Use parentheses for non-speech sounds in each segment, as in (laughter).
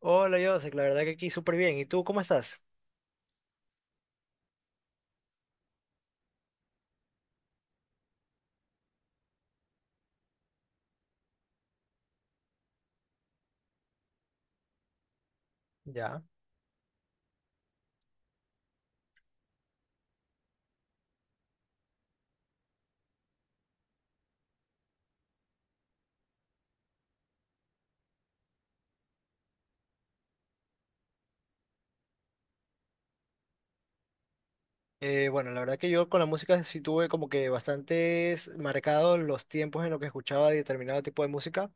Hola, Joseph, la verdad que aquí súper bien. ¿Y tú cómo estás? Ya. Bueno, la verdad que yo con la música sí tuve como que bastantes marcados los tiempos en los que escuchaba determinado tipo de música.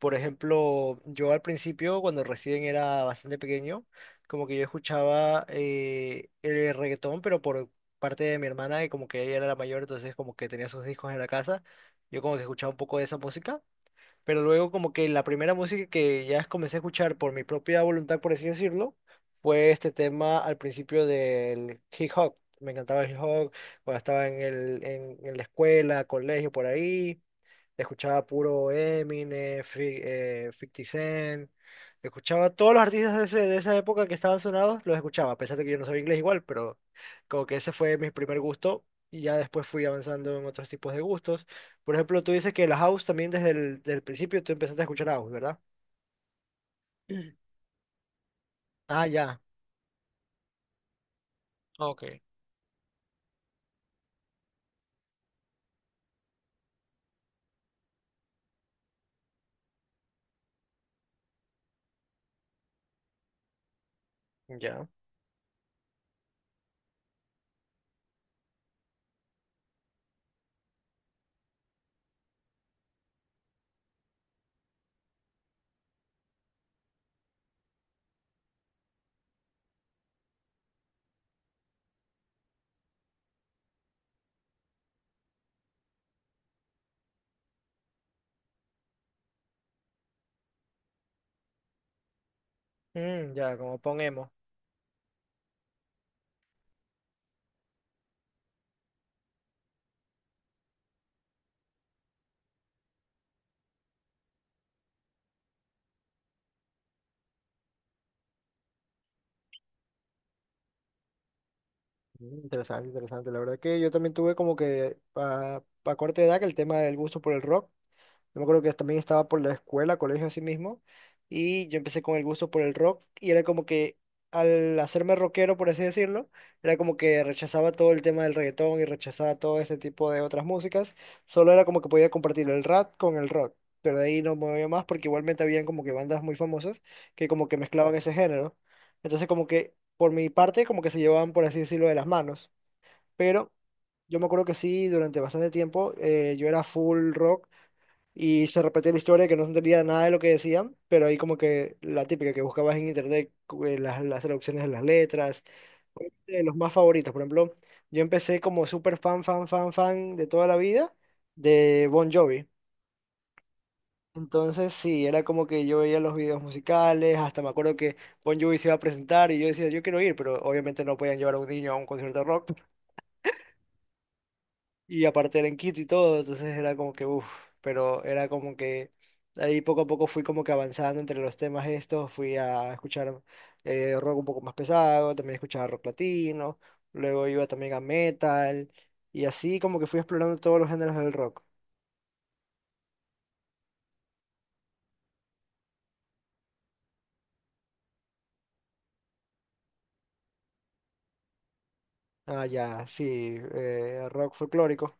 Por ejemplo, yo al principio, cuando recién era bastante pequeño, como que yo escuchaba el reggaetón, pero por parte de mi hermana, que como que ella era la mayor, entonces como que tenía sus discos en la casa. Yo como que escuchaba un poco de esa música. Pero luego como que la primera música que ya comencé a escuchar por mi propia voluntad, por así decirlo, fue este tema al principio del hip hop. Me encantaba el hip hop, cuando estaba en la escuela, colegio, por ahí. Escuchaba puro Eminem, 50 Cent. Escuchaba todos los artistas de, de esa época que estaban sonados, los escuchaba, a pesar de que yo no sabía inglés igual, pero como que ese fue mi primer gusto y ya después fui avanzando en otros tipos de gustos. Por ejemplo, tú dices que la house también desde el del principio tú empezaste a escuchar house, ¿verdad? (clears throat) Ah, ya. Ok. Ya. Mm, ya, como ponemos. Interesante, interesante. La verdad que yo también tuve como que a corta edad que el tema del gusto por el rock. Yo me acuerdo que también estaba por la escuela, colegio así mismo, y yo empecé con el gusto por el rock y era como que al hacerme rockero, por así decirlo, era como que rechazaba todo el tema del reggaetón y rechazaba todo ese tipo de otras músicas, solo era como que podía compartir el rap con el rock, pero de ahí no me movía más porque igualmente habían como que bandas muy famosas que como que mezclaban ese género. Entonces como que por mi parte como que se llevaban, por así decirlo, de las manos, pero... Yo me acuerdo que sí, durante bastante tiempo yo era full rock y se repetía la historia que no se entendía nada de lo que decían, pero ahí como que la típica que buscabas en internet, las traducciones de las letras, obviamente de los más favoritos. Por ejemplo, yo empecé como súper fan de toda la vida de Bon Jovi. Entonces sí, era como que yo veía los videos musicales, hasta me acuerdo que Bon Jovi se iba a presentar y yo decía, yo quiero ir, pero obviamente no podían llevar a un niño a un concierto de rock. Y aparte era en Quito y todo, entonces era como que, uff, pero era como que ahí poco a poco fui como que avanzando entre los temas estos, fui a escuchar rock un poco más pesado, también escuchaba rock latino, luego iba también a metal, y así como que fui explorando todos los géneros del rock. Ah, ya, sí, rock folclórico.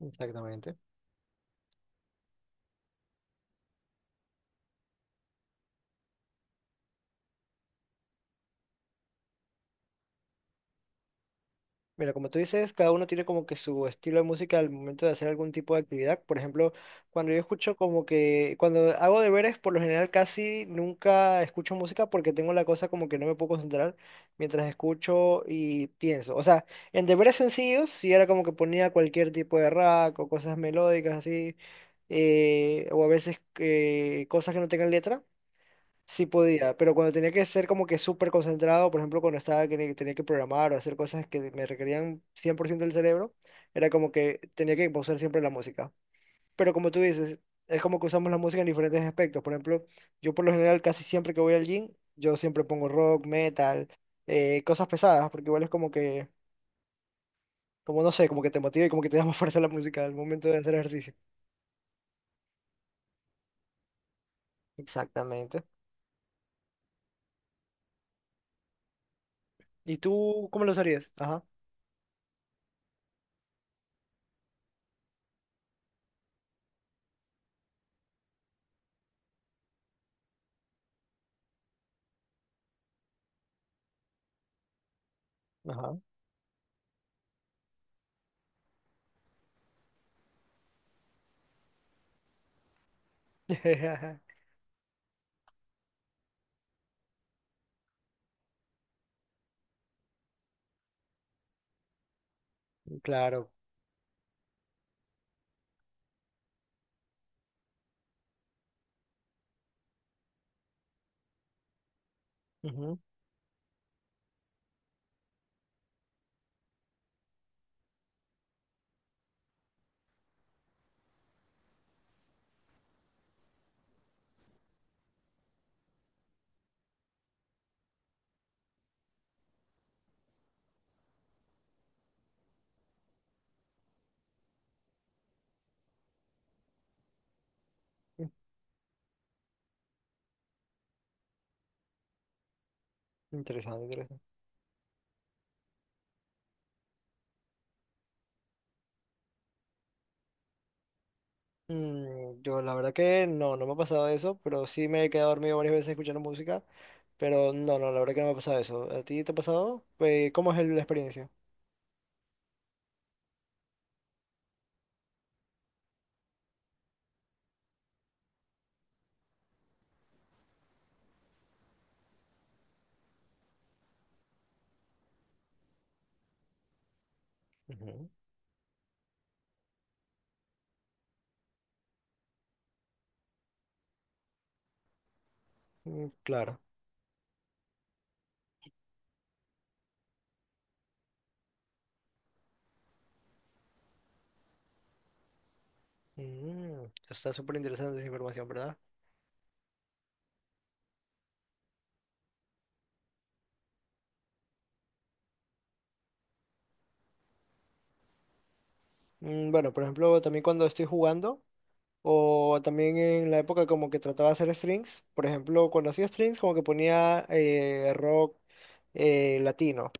Exactamente. Mira, como tú dices, cada uno tiene como que su estilo de música al momento de hacer algún tipo de actividad. Por ejemplo, cuando yo escucho como que, cuando hago deberes, por lo general casi nunca escucho música porque tengo la cosa como que no me puedo concentrar mientras escucho y pienso. O sea, en deberes sencillos, si era como que ponía cualquier tipo de rack o cosas melódicas así, o a veces cosas que no tengan letra. Sí podía, pero cuando tenía que ser como que súper concentrado, por ejemplo, cuando estaba que tenía que programar o hacer cosas que me requerían 100% del cerebro, era como que tenía que pausar siempre la música. Pero como tú dices, es como que usamos la música en diferentes aspectos. Por ejemplo, yo por lo general casi siempre que voy al gym, yo siempre pongo rock, metal, cosas pesadas, porque igual es como que, como no sé, como que te motiva y como que te da más (laughs) fuerza la música al momento de hacer ejercicio. Exactamente. ¿Y tú cómo lo harías? Ajá. Ajá. (laughs) Claro. Ujú. Interesante, interesante. Mm, yo la verdad que no, no me ha pasado eso, pero sí me he quedado dormido varias veces escuchando música, pero no, no, la verdad que no me ha pasado eso. ¿A ti te ha pasado? ¿Cómo es la experiencia? Ujú. Mm, claro. Mm, está súper interesante esa información, ¿verdad? Mm, bueno, por ejemplo, también cuando estoy jugando, o también en la época como que trataba de hacer strings, por ejemplo, cuando hacía strings como que ponía rock latino.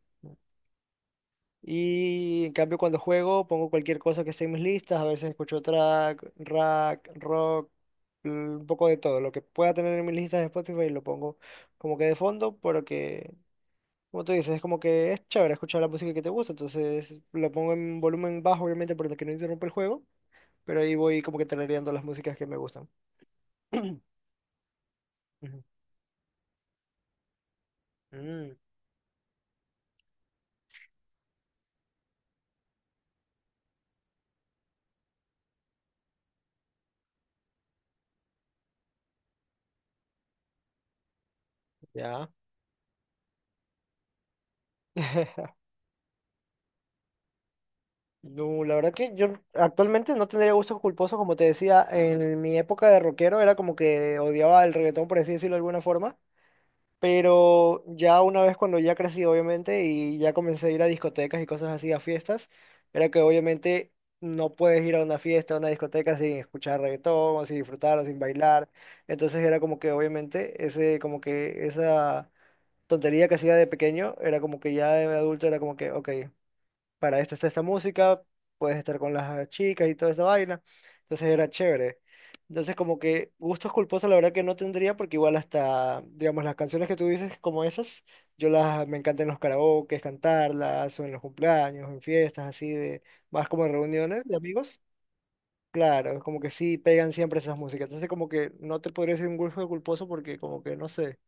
Y en cambio cuando juego pongo cualquier cosa que esté en mis listas, a veces escucho rock, un poco de todo, lo que pueda tener en mis listas de Spotify lo pongo como que de fondo, porque como tú dices, es como que es chévere escuchar la música que te gusta, entonces lo pongo en volumen bajo obviamente para que no interrumpa el juego, pero ahí voy como que tarareando las músicas que me gustan. (clears throat) Ujú. Mm, ya. (laughs) No, la verdad que yo actualmente no tendría gusto culposo, como te decía, en mi época de rockero era como que odiaba el reggaetón, por así decirlo de alguna forma, pero ya una vez cuando ya crecí, obviamente, y ya comencé a ir a discotecas y cosas así, a fiestas, era que obviamente no puedes ir a una fiesta, a una discoteca sin escuchar reggaetón, o sin disfrutar, o sin bailar, entonces era como que obviamente ese, como que esa tontería que hacía de pequeño, era como que ya de adulto era como que, ok, para esto está esta música, puedes estar con las chicas y toda esa vaina. Entonces era chévere. Entonces como que gustos culposos la verdad que no tendría porque igual hasta, digamos, las canciones que tú dices como esas, me encantan en los karaokes, cantarlas, o en los cumpleaños, en fiestas así de, más como en reuniones de amigos. Claro, es como que sí pegan siempre esas músicas. Entonces como que no te podría decir un gusto culposo porque como que no sé,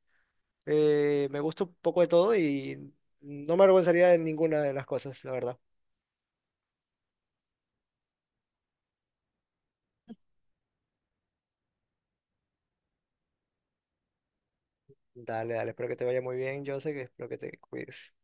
me gusta un poco de todo y no me avergonzaría de ninguna de las cosas, la verdad. Dale, dale, espero que te vaya muy bien, José, que espero que te cuides.